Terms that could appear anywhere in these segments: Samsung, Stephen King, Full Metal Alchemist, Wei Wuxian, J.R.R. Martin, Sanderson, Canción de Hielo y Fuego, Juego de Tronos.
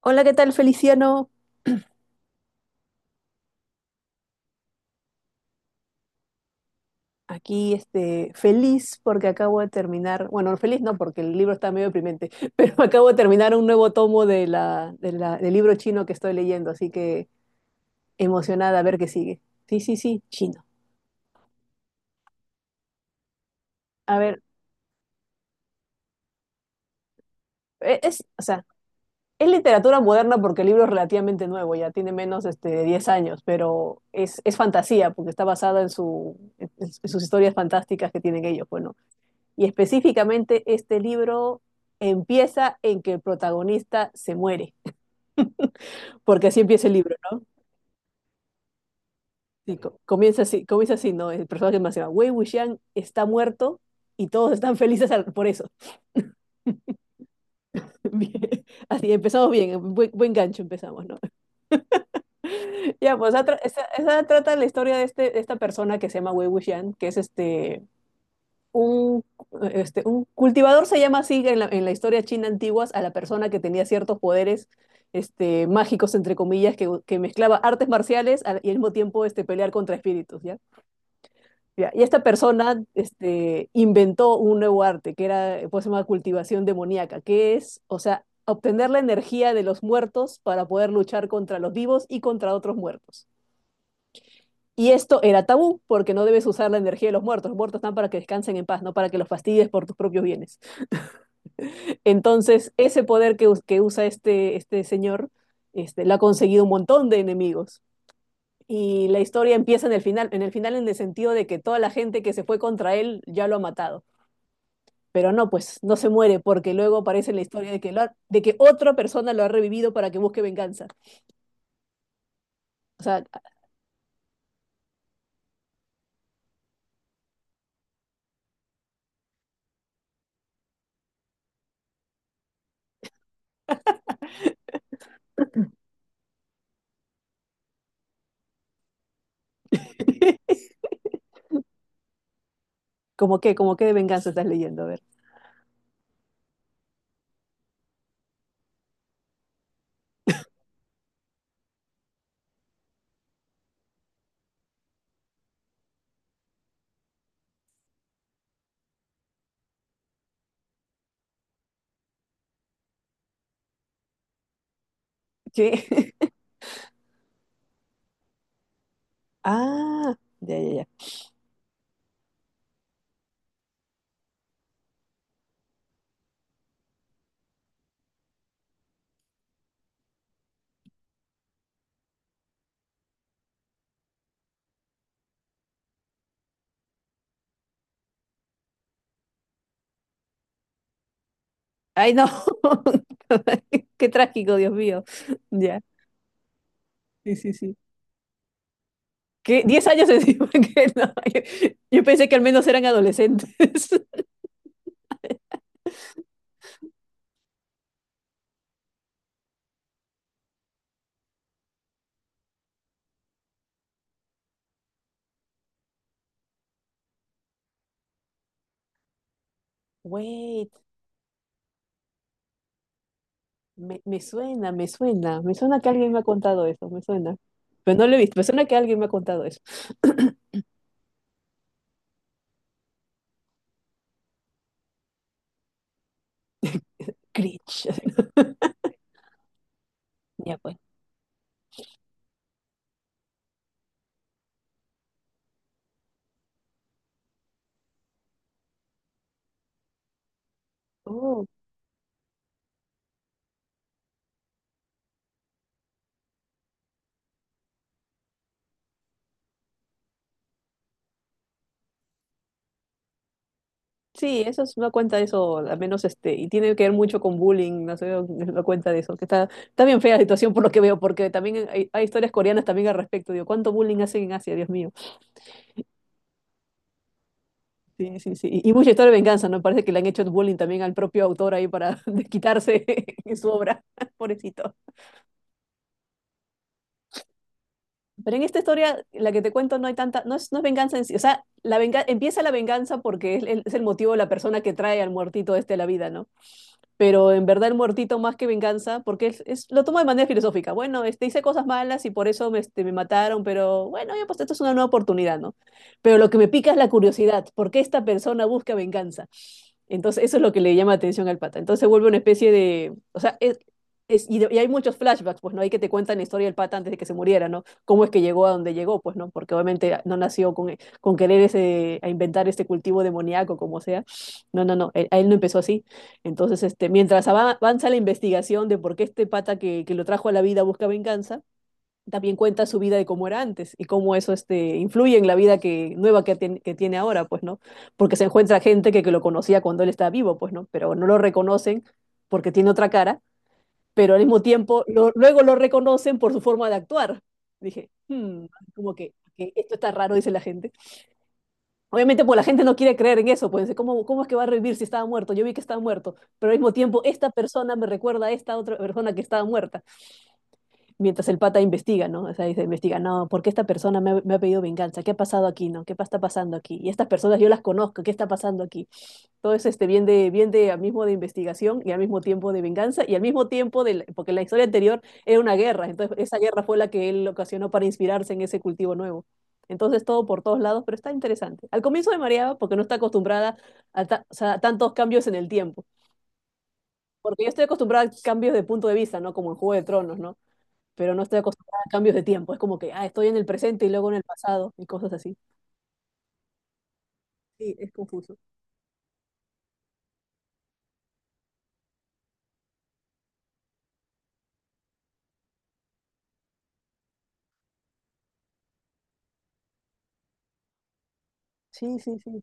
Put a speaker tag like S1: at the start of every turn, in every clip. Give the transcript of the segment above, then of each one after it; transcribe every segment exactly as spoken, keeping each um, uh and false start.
S1: Hola, ¿qué tal, Feliciano? Aquí, este, feliz porque acabo de terminar, bueno, feliz no porque el libro está medio deprimente, pero acabo de terminar un nuevo tomo de la, de la- del libro chino que estoy leyendo, así que emocionada a ver qué sigue. Sí, sí, sí, chino. A ver, e- es, o sea, es literatura moderna porque el libro es relativamente nuevo, ya tiene menos, este, de diez años, pero es, es fantasía porque está basada en su, en en sus historias fantásticas que tienen ellos, bueno. Y específicamente este libro empieza en que el protagonista se muere, porque así empieza el libro, ¿no? Sí, co- comienza así, comienza así, ¿no? El personaje más se llama Wei Wuxian, está muerto y todos están felices al- por eso. Bien. Así, empezamos bien, buen, buen gancho empezamos, ¿no? Ya, pues esa, tra- esa- esa trata la historia de, este, de esta persona que se llama Wei Wuxian, que es este, un, este, un cultivador. Se llama así en la, en la historia china antigua a la persona que tenía ciertos poderes, este, mágicos, entre comillas, que, que mezclaba artes marciales al- y al mismo tiempo, este, pelear contra espíritus, ¿ya? Ya. Y esta persona, este, inventó un nuevo arte, que era, eh, pues, se llama cultivación demoníaca, que es, o sea, obtener la energía de los muertos para poder luchar contra los vivos y contra otros muertos. Y esto era tabú, porque no debes usar la energía de los muertos. Los muertos están para que descansen en paz, no para que los fastidies por tus propios bienes. Entonces, ese poder que, us- que usa este, este señor, este, le ha conseguido un montón de enemigos. Y la historia empieza en el final, en el final, en el sentido de que toda la gente que se fue contra él ya lo ha matado. Pero no, pues no se muere, porque luego aparece la historia de que, lo ha- de que otra persona lo ha revivido para que busque venganza. O sea, ¿cómo qué? ¿Cómo qué de venganza estás leyendo? A ver. ¿Qué? Ah, ya, ya, ya. Ay, no. Qué trágico, Dios mío. Ya. Sí, sí, sí. ¿Qué? ¿Diez años encima? Que no. Yo, yo pensé que al menos eran adolescentes. Wait, me, me suena, me suena. Me suena que alguien me ha contado eso, me suena. Pero no lo he visto, me suena que alguien me ha contado eso. Cringe. Ya pues. Oh, sí, eso es una cuenta de eso, al menos este, y tiene que ver mucho con bullying, no sé, es una cuenta de eso, que está, está bien fea la situación por lo que veo, porque también hay, hay historias coreanas también al respecto, digo, ¿cuánto bullying hacen en Asia, Dios mío? Sí, sí, sí. Y, y mucha historia de venganza, ¿no? Parece que le han hecho bullying también al propio autor ahí para desquitarse en su obra. Pobrecito. Pero en esta historia, la que te cuento, no hay tanta, no es, no es venganza en sí. O sea, la venga- empieza la venganza porque es, el es el motivo de la persona que trae al muertito este a la vida, ¿no? Pero en verdad el muertito más que venganza, porque es, es- lo toma de manera filosófica. Bueno, este, hice cosas malas y por eso me, este, me mataron, pero bueno, ya pues esto es una nueva oportunidad, ¿no? Pero lo que me pica es la curiosidad, ¿por qué esta persona busca venganza? Entonces, eso es lo que le llama atención al pata. Entonces, se vuelve una especie de, o sea, es, es- y, de- y hay muchos flashbacks, pues, ¿no? Hay que te cuentan la historia del pata antes de que se muriera, ¿no? Cómo es que llegó a donde llegó, pues, ¿no? Porque obviamente no nació con, con querer ese, a inventar este cultivo demoníaco, como sea. No, no, no, él- a él no empezó así. Entonces, este, mientras ava- avanza la investigación de por qué este pata que, que lo trajo a la vida busca venganza, también cuenta su vida de cómo era antes y cómo eso, este, influye en la vida que, nueva que, tien- que tiene ahora, pues, ¿no? Porque se encuentra gente que, que lo conocía cuando él estaba vivo, pues, ¿no? Pero no lo reconocen porque tiene otra cara, pero al mismo tiempo lo- luego lo reconocen por su forma de actuar. Dije, "Hmm", como que, que esto está raro, dice la gente. Obviamente, pues la gente no quiere creer en eso, pues ¿cómo, cómo es que va a revivir si estaba muerto? Yo vi que estaba muerto, pero al mismo tiempo esta persona me recuerda a esta otra persona que estaba muerta, mientras el pata investiga, ¿no? O sea, dice, investiga, no, ¿por qué esta persona me, ha- me ha pedido venganza? ¿Qué ha pasado aquí, no? ¿Qué pa- está pasando aquí? Y estas personas yo las conozco, ¿qué está pasando aquí? Todo es este bien de bien de al mismo de investigación y al mismo tiempo de venganza y al mismo tiempo de la- porque la historia anterior era una guerra, entonces esa guerra fue la que él ocasionó para inspirarse en ese cultivo nuevo. Entonces todo por todos lados, pero está interesante. Al comienzo me mareaba porque no está acostumbrada a, ta, o sea, a tantos cambios en el tiempo, porque yo estoy acostumbrada a cambios de punto de vista, ¿no? Como en Juego de Tronos, ¿no? Pero no estoy acostumbrada a cambios de tiempo, es como que, ah, estoy en el presente y luego en el pasado y cosas así. Sí, es confuso. Sí, sí, sí.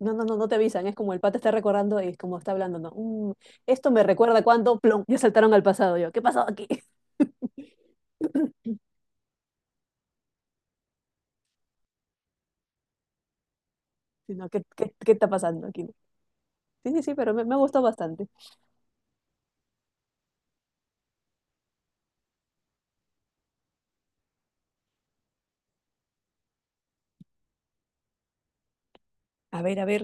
S1: No, no, no, no te avisan, es como el pata está recordando y es como está hablando, ¿no? "Mm, esto me recuerda cuando, plom, ya saltaron al pasado yo. ¿Qué pasó aquí? Sí, no, ¿qué, qué, qué está pasando aquí? Sí, sí, sí, pero me, me ha gustado bastante. A ver, a ver,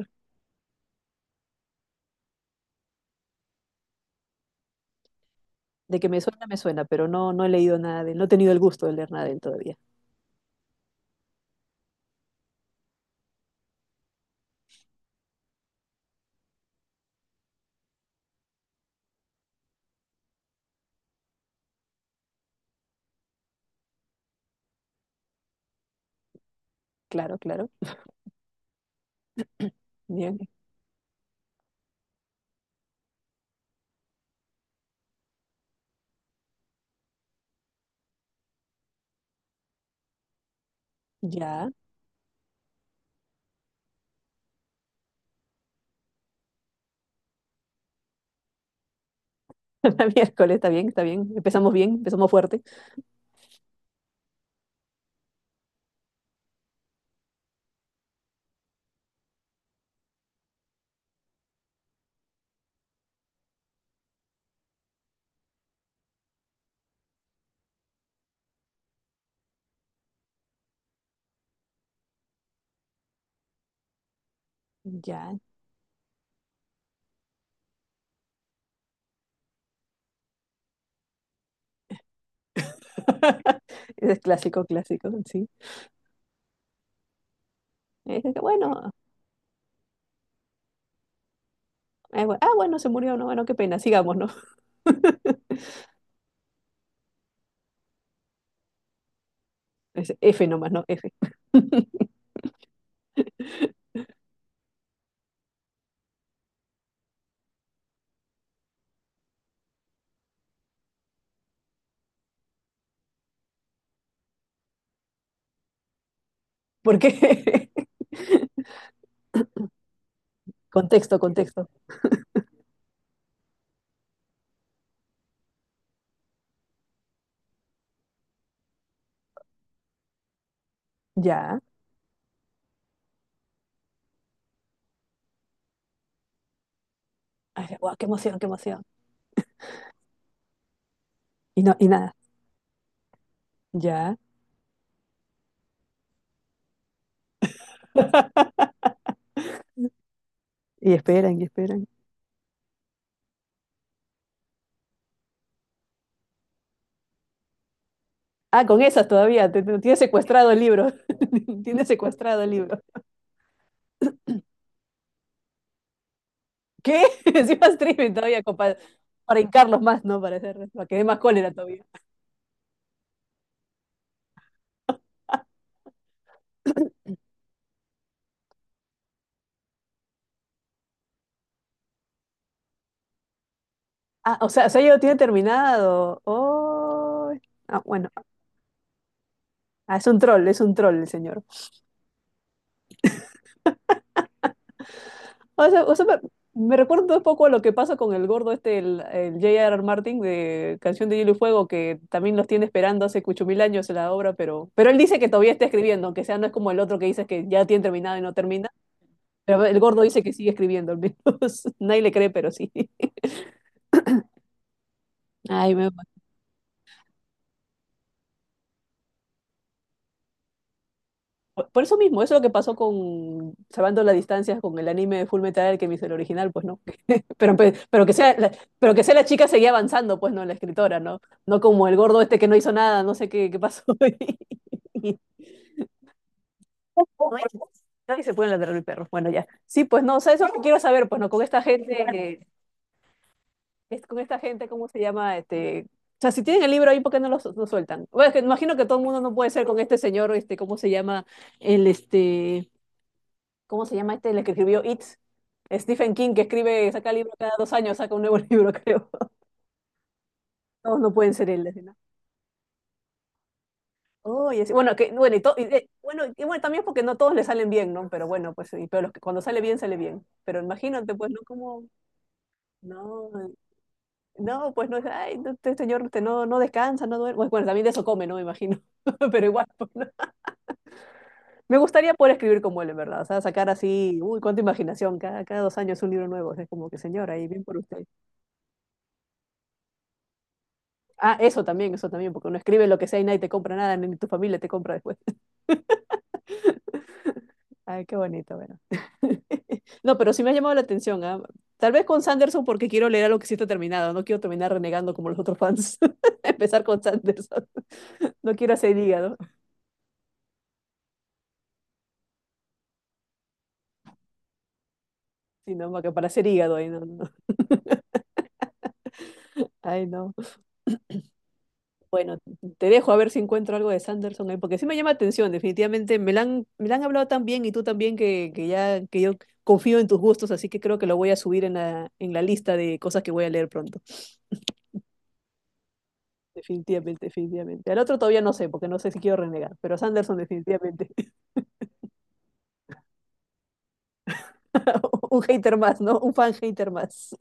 S1: de que me suena, me suena, pero no, no he leído nada de él, no he tenido el gusto de leer nada de él todavía. Claro, claro. Bien, ya. La Miércoles, está bien, está bien. Empezamos bien, empezamos fuerte. Ya. Ese es clásico, clásico, sí. Eh, Bueno, eh, bu- ah, bueno, se murió, no, bueno, qué pena, sigamos, ¿no? Es F nomás, ¿no? F. Porque contexto, contexto. Ya. Ay, guau, qué emoción, qué emoción. Y no, y nada. Ya. Y esperan, y esperan. Ah, con esas todavía. Te, te- tiene secuestrado el libro. Tiene secuestrado el libro. ¿Qué? Encima streaming todavía, compa- Para hincarlos más, ¿no? Para hacer, para que dé más cólera todavía. Ah, o sea, o sea, ya lo tiene terminado. Oh. Ah, bueno. Ah, es un troll, es un troll el señor. O sea, o sea, me me recuerda un poco a lo que pasa con el gordo este, el, el J R R. Martin de Canción de Hielo y Fuego, que también los tiene esperando hace cucho mil años en la obra, pero, pero él dice que todavía está escribiendo, aunque sea no es como el otro que dice que ya tiene terminado y no termina. Pero el gordo dice que sigue escribiendo, al menos nadie le cree, pero sí. Ay, me- Por por eso mismo, eso es lo que pasó con, salvando las distancias con el anime de Full Metal Alchemist, el original, pues no. Pero, pe- pero, que sea la, pero que sea la chica seguía avanzando, pues no, la escritora, ¿no? No como el gordo este que no hizo nada, no sé qué, qué pasó. Y, y- no, y se pueden ladrar el perro. Bueno, ya. Sí, pues no, o sea, eso es lo que quiero saber, pues no, con esta gente, eh, es, con esta gente, ¿cómo se llama? Este, o sea, si tienen el libro ahí, ¿por qué no lo, su- lo sueltan? Bueno, es que imagino que todo el mundo no puede ser con este señor, este, ¿cómo se llama? El, este, ¿cómo se llama este, el que escribió It? Stephen King, que escribe, saca libro cada dos años, saca un nuevo libro, creo. Todos no pueden ser él. Oh, y es- bueno, que, bueno, y to- y, eh, bueno, y bueno, también porque no todos le salen bien, ¿no? Pero bueno, pues, y, pero los que, cuando sale bien, sale bien. Pero imagínate, pues, ¿no? Como, no, no, pues, no, es, ay, no, este señor usted no, no descansa, no duerme. Pues, bueno, también de eso come, ¿no? Me imagino. Pero igual, pues, ¿no? Me gustaría poder escribir como él, en verdad. O sea, sacar así, uy, cuánta imaginación. Cada, cada dos años un libro nuevo. Es como que, señor, ahí, bien por usted. Ah, eso también, eso también, porque uno escribe lo que sea y nadie te compra nada, ni tu familia te compra después. Ay, qué bonito, bueno. No, pero sí me ha llamado la atención, ¿ah? Tal vez con Sanderson, porque quiero leer algo que sí está terminado. No quiero terminar renegando como los otros fans. Empezar con Sanderson. No quiero hacer hígado. Sino no, que para hacer hígado, ay, no, no. Ay, no. Bueno, te dejo a ver si encuentro algo de Sanderson ahí, porque sí me llama la atención, definitivamente. Me la han, me la han hablado tan bien y tú también que, que ya que yo confío en tus gustos, así que creo que lo voy a subir en la, en la lista de cosas que voy a leer pronto. Definitivamente, definitivamente. Al otro todavía no sé, porque no sé si quiero renegar, pero Sanderson definitivamente. Un hater más, ¿no? Un fan hater más.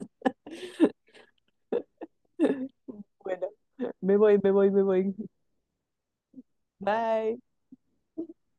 S1: Bueno, me voy, me voy, me voy. Bye.